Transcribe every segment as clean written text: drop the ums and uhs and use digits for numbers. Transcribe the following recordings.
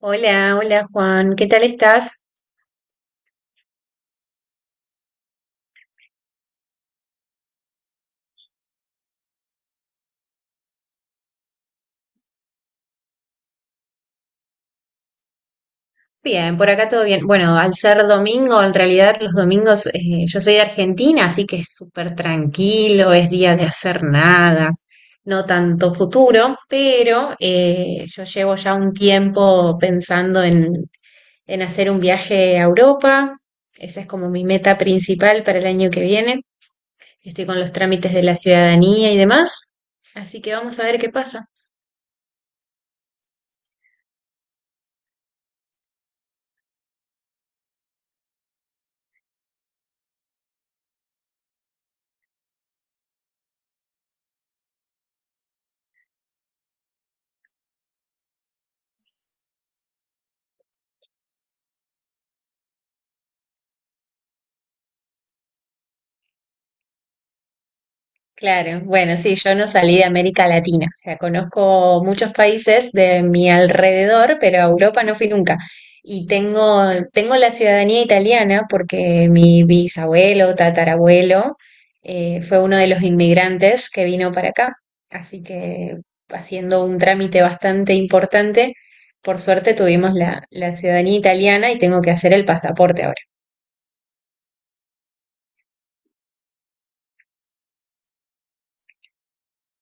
Hola, hola Juan, ¿qué tal estás? Bien, por acá todo bien. Bueno, al ser domingo, en realidad los domingos, yo soy de Argentina, así que es súper tranquilo, es día de hacer nada, no tanto futuro, pero yo llevo ya un tiempo en hacer un viaje a Europa. Esa es como mi meta principal para el año que viene. Estoy con los trámites de la ciudadanía y demás, así que vamos a ver qué pasa. Claro, bueno, sí, yo no salí de América Latina, o sea, conozco muchos países de mi alrededor, pero a Europa no fui nunca. Y tengo, tengo la ciudadanía italiana porque mi bisabuelo, tatarabuelo, fue uno de los inmigrantes que vino para acá. Así que haciendo un trámite bastante importante, por suerte tuvimos la ciudadanía italiana y tengo que hacer el pasaporte ahora.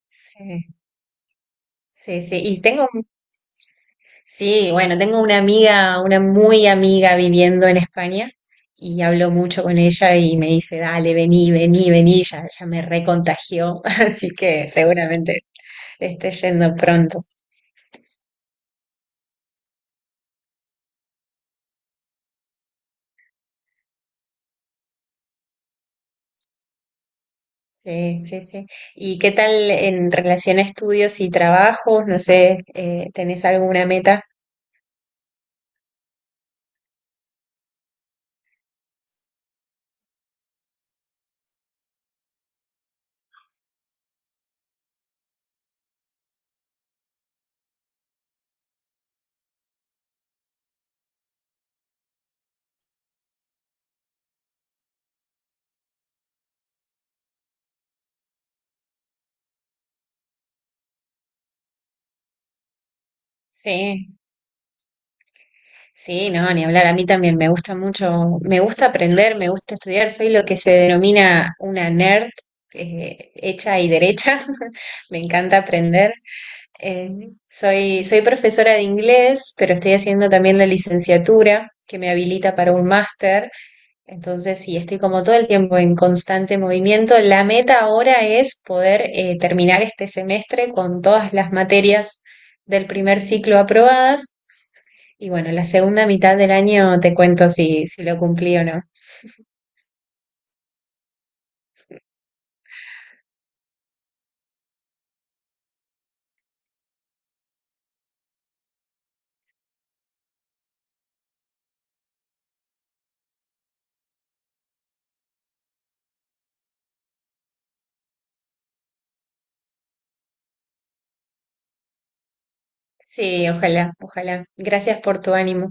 Sí, sí, sí. Y tengo, sí, bueno, tengo una amiga, una muy amiga viviendo en España y hablo mucho con ella y me dice, dale, vení, ya, ya me recontagió, así que seguramente esté yendo pronto. Sí, sí, sí. ¿Y qué tal en relación a estudios y trabajos? No sé, ¿tenés alguna meta? Sí. Sí, no, ni hablar. A mí también me gusta mucho, me gusta aprender, me gusta estudiar. Soy lo que se denomina una nerd, hecha y derecha. Me encanta aprender. Eh, soy profesora de inglés, pero estoy haciendo también la licenciatura que me habilita para un máster. Entonces, sí, estoy como todo el tiempo en constante movimiento. La meta ahora es poder terminar este semestre con todas las materias del primer ciclo aprobadas y bueno, la segunda mitad del año te cuento si, si lo cumplí o no. Sí, ojalá, ojalá. Gracias por tu ánimo.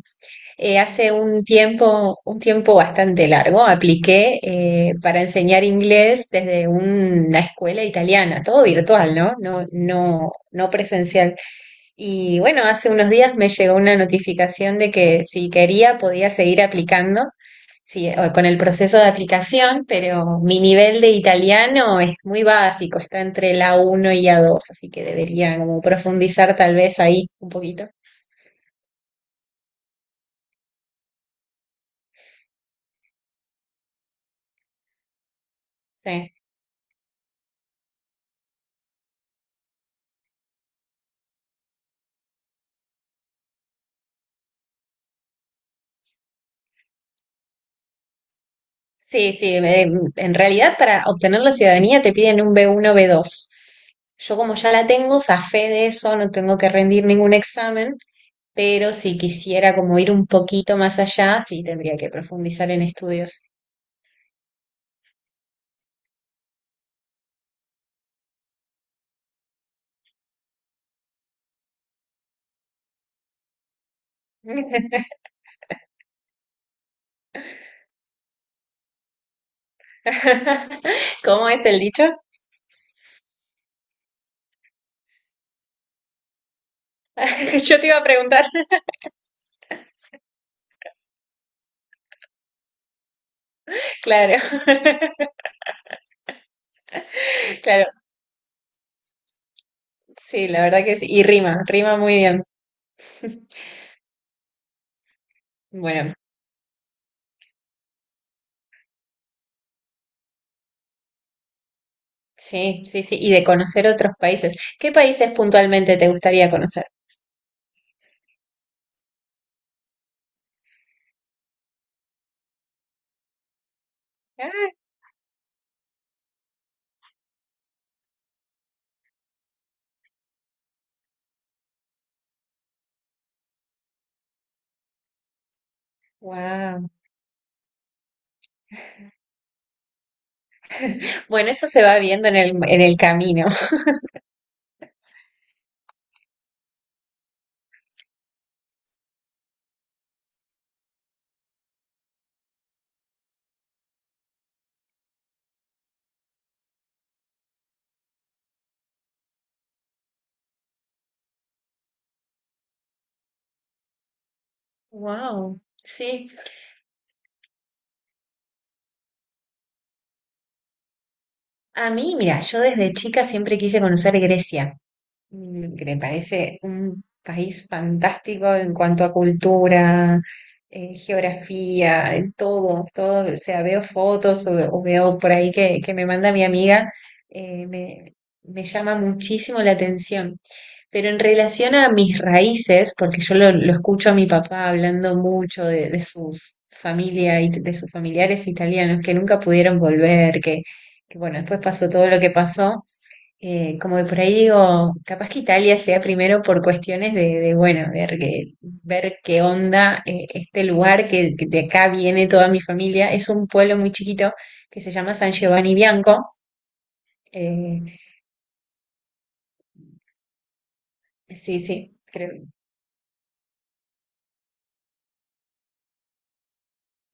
Hace un tiempo bastante largo, apliqué para enseñar inglés desde una escuela italiana, todo virtual, ¿no? No, no, no presencial. Y bueno, hace unos días me llegó una notificación de que si quería podía seguir aplicando, sí, o- con el proceso de aplicación, pero mi nivel de italiano es muy básico, está entre la uno y la 2, así que debería como profundizar tal vez ahí un poquito. Sí. Sí, sí, en realidad para obtener la ciudadanía te piden un b uno, b dos. Yo como ya la tengo, zafé de eso, no tengo que rendir ningún examen, pero si quisiera como ir un poquito más allá, sí tendría que profundizar en estudios. ¿Cómo es el dicho? Yo te iba a preguntar. Claro, claro, sí, la verdad que sí. Y rima, rima muy bien. Bueno, sí, sí, sí. Y de conocer otros países. ¿Qué países puntualmente te gustaría conocer? Ah, wow. Bueno, eso se va viendo en en el camino. Wow, sí. A mí, mira, yo desde chica siempre quise conocer Grecia. Mm, que me parece un país fantástico en cuanto a cultura, geografía, en todo, todo, o sea, veo fotos o veo por ahí que me manda mi amiga, eh, me, me llama muchísimo la atención. Pero en relación a mis raíces, porque lo escucho a mi papá hablando mucho de sus familia y de sus familiares italianos que nunca pudieron volver, que bueno, después pasó todo lo que pasó. Como de por ahí digo, capaz que Italia sea primero por cuestiones bueno, ver qué onda este lugar que de acá viene toda mi familia. Es un pueblo muy chiquito que se llama San Giovanni Bianco. Eh, sí, sí, creo.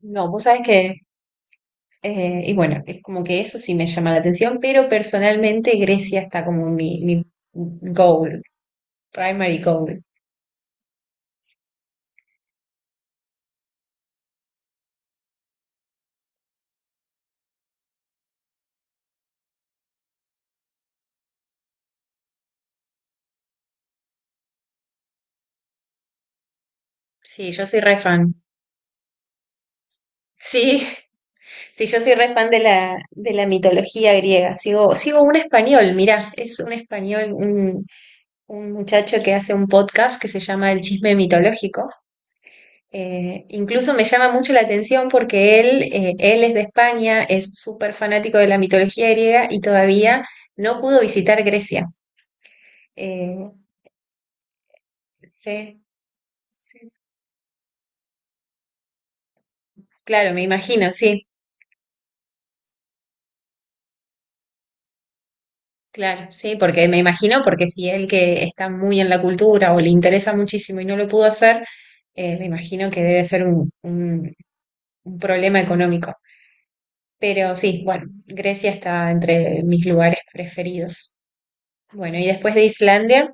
No, vos sabés que, y bueno, es como que eso sí me llama la atención, pero personalmente Grecia está como mi goal, primary goal. Sí, yo soy re fan. Sí, sí, yo soy re fan de de la mitología griega. Sigo un español, mirá, es un español, un muchacho que hace un podcast que se llama El Chisme Mitológico. Incluso me llama mucho la atención porque él, él es de España, es súper fanático de la mitología griega y todavía no pudo visitar Grecia. Eh, sí, sí. Claro, me imagino, sí. Claro, sí, porque me imagino, porque si él que está muy en la cultura o le interesa muchísimo y no lo pudo hacer, me imagino que debe ser un problema económico. Pero sí, bueno, Grecia está entre mis lugares preferidos. Bueno, y después de Islandia,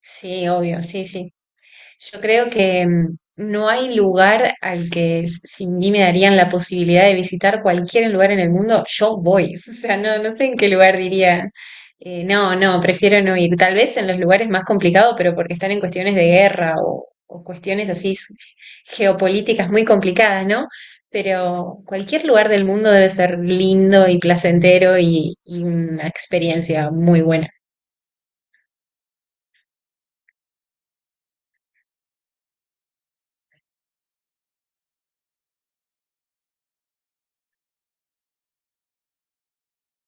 sí, obvio, sí, sí. Yo creo que mm, no hay lugar al que s- si a mí me darían la posibilidad de visitar cualquier lugar en el mundo, yo voy. O sea, no, no sé en qué lugar diría, no, no, prefiero no ir. Tal vez en los lugares más complicados, pero porque están en cuestiones de guerra o cuestiones así s- geopolíticas muy complicadas, ¿no? Pero cualquier lugar del mundo debe ser lindo y placentero y una experiencia muy buena.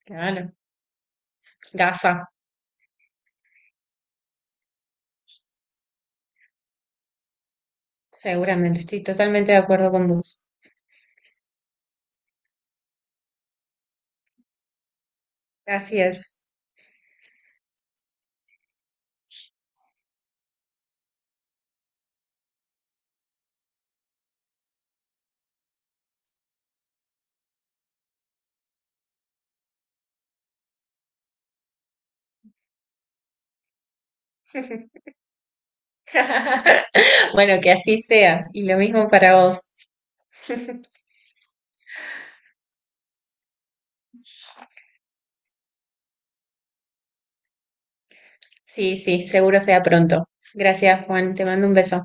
Claro. Gaza, seguramente, estoy totalmente de acuerdo con vos. Así es. Bueno, que así sea. Y lo mismo para vos. Sí, sí, seguro sea pronto. Gracias, Juan. Te mando un beso.